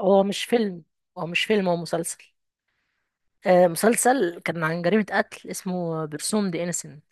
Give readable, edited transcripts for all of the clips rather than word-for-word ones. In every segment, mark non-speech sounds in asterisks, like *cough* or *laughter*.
هو مش فيلم هو مش فيلم، هو مسلسل. آه، مسلسل كان عن جريمة قتل، اسمه برسوم دي انسنت.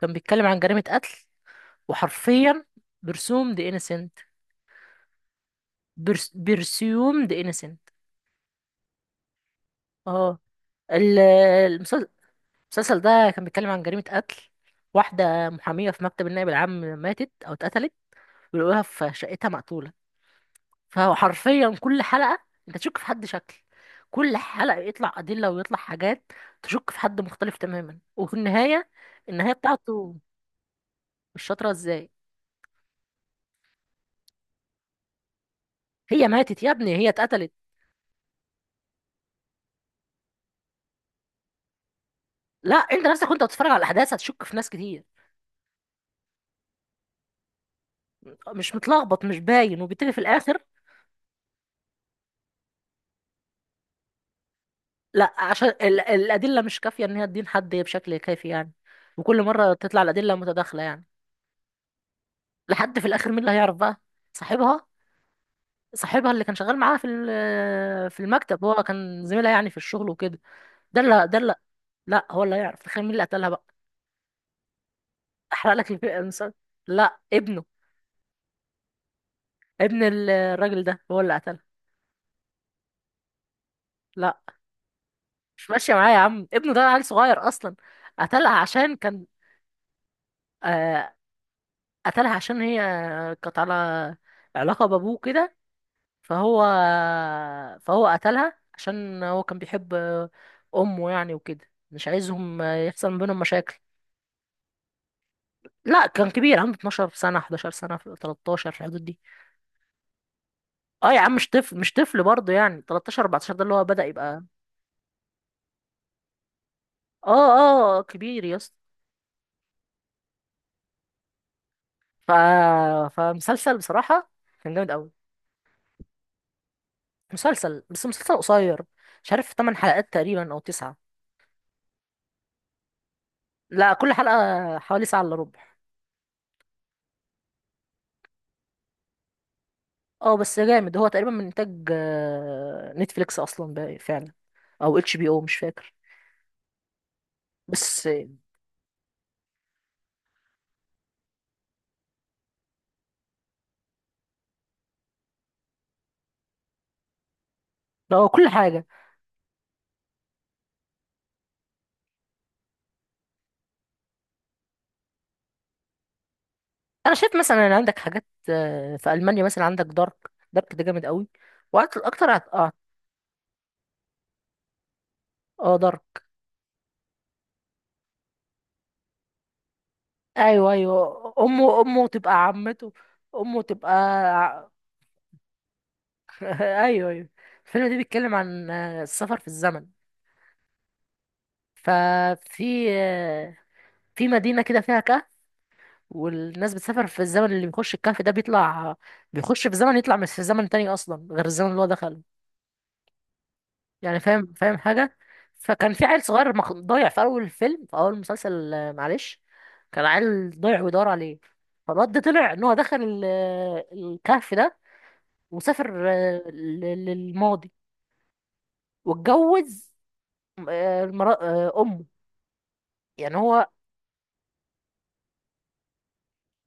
كان بيتكلم عن جريمة قتل، وحرفيا برسوم دي انسنت. برسيوم دي انسنت. اه ال- المسل- المسلسل ده كان بيتكلم عن جريمة قتل. واحدة محامية في مكتب النائب العام ماتت أو اتقتلت، ولقوها في شقتها مقتولة. فهو حرفيا كل حلقة انت تشك في حد شكل، كل حلقة يطلع أدلة ويطلع حاجات، تشك في حد مختلف تماما. وفي النهاية بتاعته. مش شاطرة ازاي؟ هي ماتت يا ابني، هي اتقتلت. لا، انت نفسك وانت بتتفرج على الأحداث هتشك في ناس كتير. مش متلخبط، مش باين، وبالتالي في الآخر. لا، عشان الأدلة مش كافية إن هي تدين حد بشكل كافي يعني، وكل مرة تطلع الأدلة متداخلة يعني. لحد في الآخر مين اللي هيعرف بقى؟ صاحبها صاحبها اللي كان شغال معاها في في المكتب، هو كان زميلها يعني في الشغل وكده. ده اللي... لا، هو اللي هيعرف. تخيل مين اللي قتلها بقى؟ المسلسل. لا، ابنه. ابن الراجل ده هو اللي قتلها. لا، مش ماشيه معايا يا عم، ابنه ده عيل صغير اصلا. قتلها عشان كان آه قتلها عشان هي كانت على علاقه بابوه كده. فهو فهو قتلها عشان هو كان بيحب امه يعني وكده، مش عايزهم يحصل ما بينهم مشاكل. لا، كان كبير، عنده 12 سنة، 11 سنة، في 13، في الحدود دي. اه يا عم مش طفل، مش طفل برضه، يعني 13 14، ده اللي هو بدأ يبقى. كبير يا اسطى. ف... فمسلسل بصراحة كان جامد قوي. مسلسل، بس مسلسل قصير، مش عارف 8 حلقات تقريبا او 9. لا، كل حلقة حوالي ساعة الا ربع. اه بس جامد، هو تقريبا من انتاج نتفليكس اصلا بقى فعلا، او اتش بي او، مش فاكر. بس هو كل حاجة. انا شايف مثلا ان عندك حاجات في المانيا، مثلا عندك دارك. دارك ده جامد قوي، وقت اكتر اه، دارك. ايوه ايوه، امه تبقى عمته، امه تبقى ع- *laughs* ايوه ايوه. الفيلم ده بيتكلم عن السفر في الزمن. ففي آه، في مدينه كده فيها كهف، والناس بتسافر في الزمن. اللي بيخش الكهف ده بيطلع، بيخش في زمن يطلع من في زمن تاني اصلا غير الزمن اللي هو دخله، يعني فاهم، فاهم حاجة. فكان في عيل صغير ضايع في أول الفيلم، في أول المسلسل، معلش، كان عيل ضايع ويدور عليه. فالواد ده طلع إن هو دخل الكهف ده، وسافر للماضي، واتجوز أمه، يعني هو.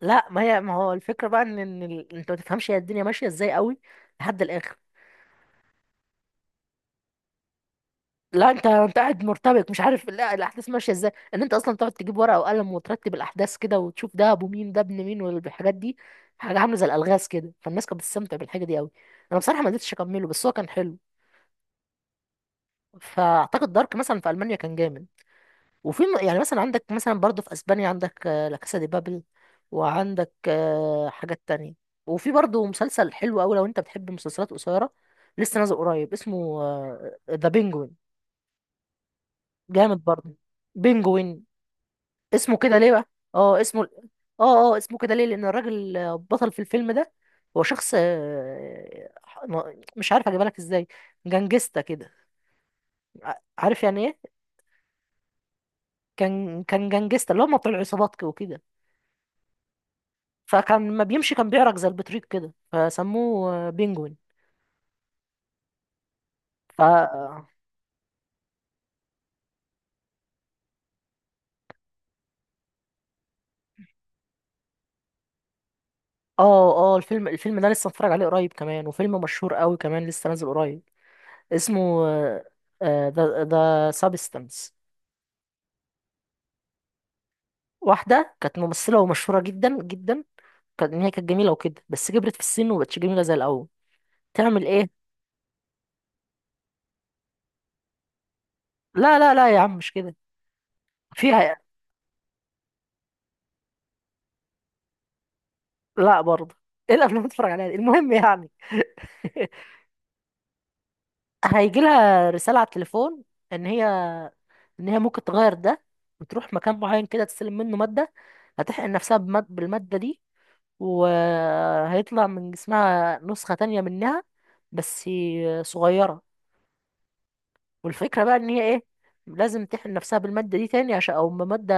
لا، ما هي، ما هو الفكرة بقى إن أنت ما تفهمش هي الدنيا ماشية إزاي قوي لحد الآخر. لا، انت قاعد مرتبك، مش عارف لا الاحداث ماشيه ازاي، ان انت اصلا تقعد تجيب ورقه وقلم وترتب الاحداث كده، وتشوف ده ابو مين، ده ابن مين، والحاجات دي. حاجه عامله زي الالغاز كده، فالناس كانت بتستمتع بالحاجه دي قوي. انا بصراحه ما قدرتش اكمله، بس هو كان حلو. فاعتقد دارك مثلا في المانيا كان جامد. وفي يعني مثلا عندك، مثلا برضه في اسبانيا عندك لا كاسا دي بابل، وعندك حاجات تانية. وفي برضه مسلسل حلو قوي، لو انت بتحب مسلسلات قصيره، لسه نازل قريب، اسمه ذا بينجوين. جامد برضه. بينجوين، اسمه كده ليه بقى؟ اه اسمه. اه اه اسمه كده ليه لان الراجل بطل في الفيلم ده، هو شخص مش عارف اجيبها لك ازاي، جنجستا كده. عارف يعني ايه؟ كان جنجستا، اللي هم بتوع العصابات وكده. فكان لما بيمشي كان بيعرج زي البطريق كده، فسموه بينجوين. ف اه اه الفيلم ده لسه متفرج عليه قريب كمان، وفيلم مشهور قوي كمان، لسه نازل قريب، اسمه ذا سابستنس. واحدة كانت ممثلة ومشهورة جدا جدا، كانت إن هي كانت جميلة وكده، بس كبرت في السن ومبقتش جميلة زي الأول. تعمل إيه؟ لا لا لا يا عم مش كده، فيها. لا برضه *laughs* إيه الأفلام اللي بتتفرج عليها دي؟ المهم يعني *laughs* هيجي لها رسالة على التليفون إن هي، ممكن تغير ده وتروح مكان معين كده تستلم منه مادة، هتحقن نفسها بالمادة دي، وهيطلع من جسمها نسخة تانية منها، بس صغيرة. والفكرة بقى ان هي ايه، لازم تحقن نفسها بالمادة دي تاني، عشان او مادة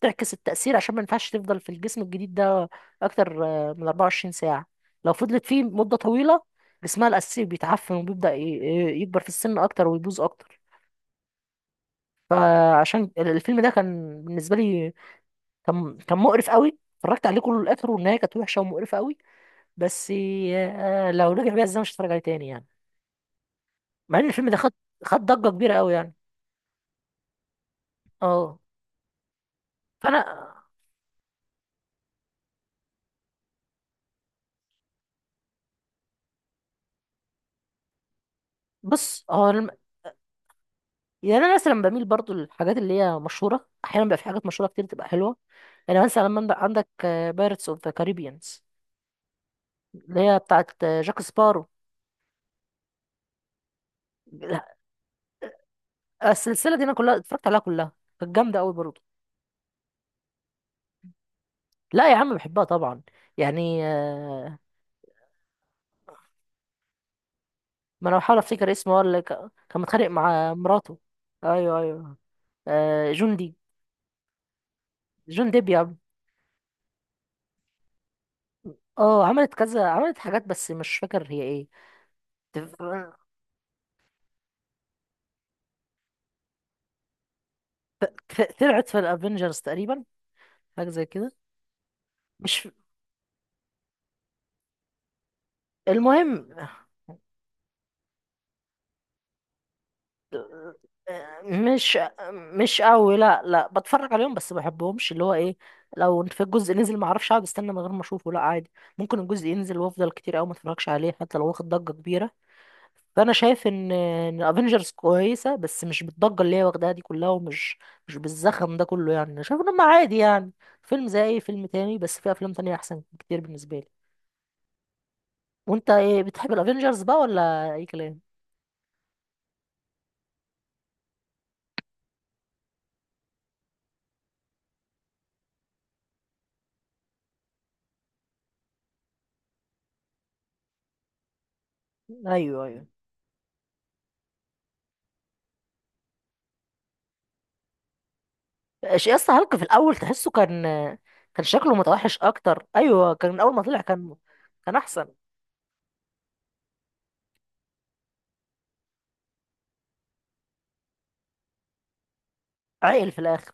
تعكس التأثير، عشان ما ينفعش تفضل في الجسم الجديد ده اكتر من 24 ساعة. لو فضلت فيه مدة طويلة، جسمها الأساسي بيتعفن، وبيبدأ يكبر في السن اكتر ويبوظ اكتر. فعشان الفيلم ده كان بالنسبة لي، كان مقرف قوي. اتفرجت عليه كله للآخر، والنهاية كانت وحشة ومقرفة قوي. بس لو رجع بيها، ازاي مش هتفرج عليه تاني يعني، مع ان الفيلم ده خد، خد ضجة كبيرة قوي يعني. اه، فانا، بص هو، يعني انا مثلا بميل برضو للحاجات اللي هي مشهوره، احيانا بيبقى في حاجات مشهوره كتير تبقى حلوه. يعني مثلا لما عندك بايرتس اوف ذا كاريبيانز، اللي هي بتاعت جاك سبارو. السلسله دي انا كلها اتفرجت عليها كلها، كانت جامده قوي برضو. لا يا عم بحبها طبعا. يعني ما انا بحاول افتكر اسمه، هو اللي كان متخانق مع مراته. ايوه ايوه. آه، جون دي جون ديب يا عم. اه، عملت كذا، عملت حاجات بس مش فاكر هي ايه. ت- طلعت في الافينجرز تقريبا، حاجه زي كده. مش المهم. آه، مش مش قوي، لا لا، بتفرج عليهم بس ما بحبهمش. اللي هو ايه، لو في الجزء نزل، ما اعرفش، اقعد استنى من غير ما اشوفه، لا عادي. ممكن الجزء ينزل وافضل كتير قوي ما اتفرجش عليه حتى لو واخد ضجة كبيرة. فانا شايف ان افنجرز كويسة، بس مش بالضجة اللي هي واخداها دي كلها، مش بالزخم ده كله يعني. أنا شايف ان هم عادي يعني، فيلم زي اي فيلم تاني، بس في افلام تانية احسن كتير بالنسبة لي. وانت ايه، بتحب الافنجرز بقى ولا اي كلام؟ ايوه ايوه. يا اسطى هالك في الاول تحسه كان، كان شكله متوحش اكتر. ايوه كان اول ما طلع كان احسن. عاقل في الاخر.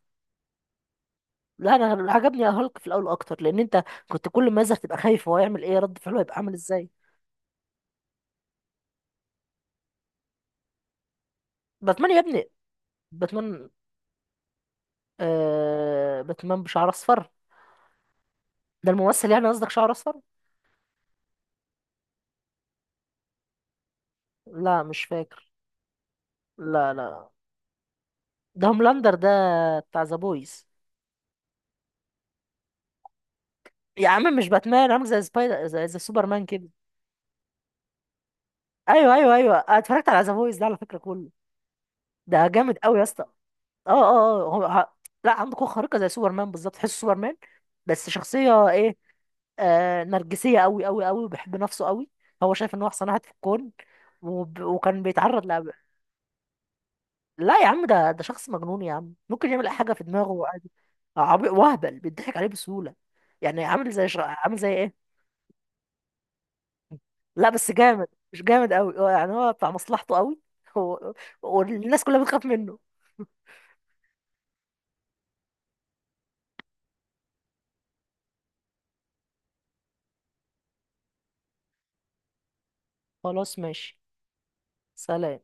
لا انا عجبني هالك في الاول اكتر، لان انت كنت كل ما يظهر تبقى خايف هو يعمل ايه، رد فعله هيبقى عامل ازاي. باتمان يا ابني. باتمان باتمان بشعر اصفر. ده الممثل يعني قصدك شعر اصفر. لا مش فاكر. لا لا، ده هوملاندر ده بتاع ذا بويز. يا عم مش باتمان، عامل زي سبايدر، زي سوبرمان كده. ايوه ايوه ايوه، أنا اتفرجت على ذا بويز ده على فكره كله، ده جامد قوي يا اسطى. اه اه اه هو ه... لا عنده قوة خارقة زي سوبرمان بالظبط، تحس سوبرمان. بس شخصية ايه؟ آه، نرجسية قوي قوي قوي، وبيحب نفسه قوي. هو شايف ان هو احسن واحد في الكون. وكان بيتعرض لا يا عم، ده شخص مجنون يا عم، ممكن يعمل اي حاجة في دماغه عادي. وهبل، بيضحك عليه بسهولة. يعني عامل زي عامل زي ايه، لا بس جامد. مش جامد قوي هو يعني، هو بتاع مصلحته قوي. هو... والناس كلها بتخاف منه. خلاص ماشي. سلام.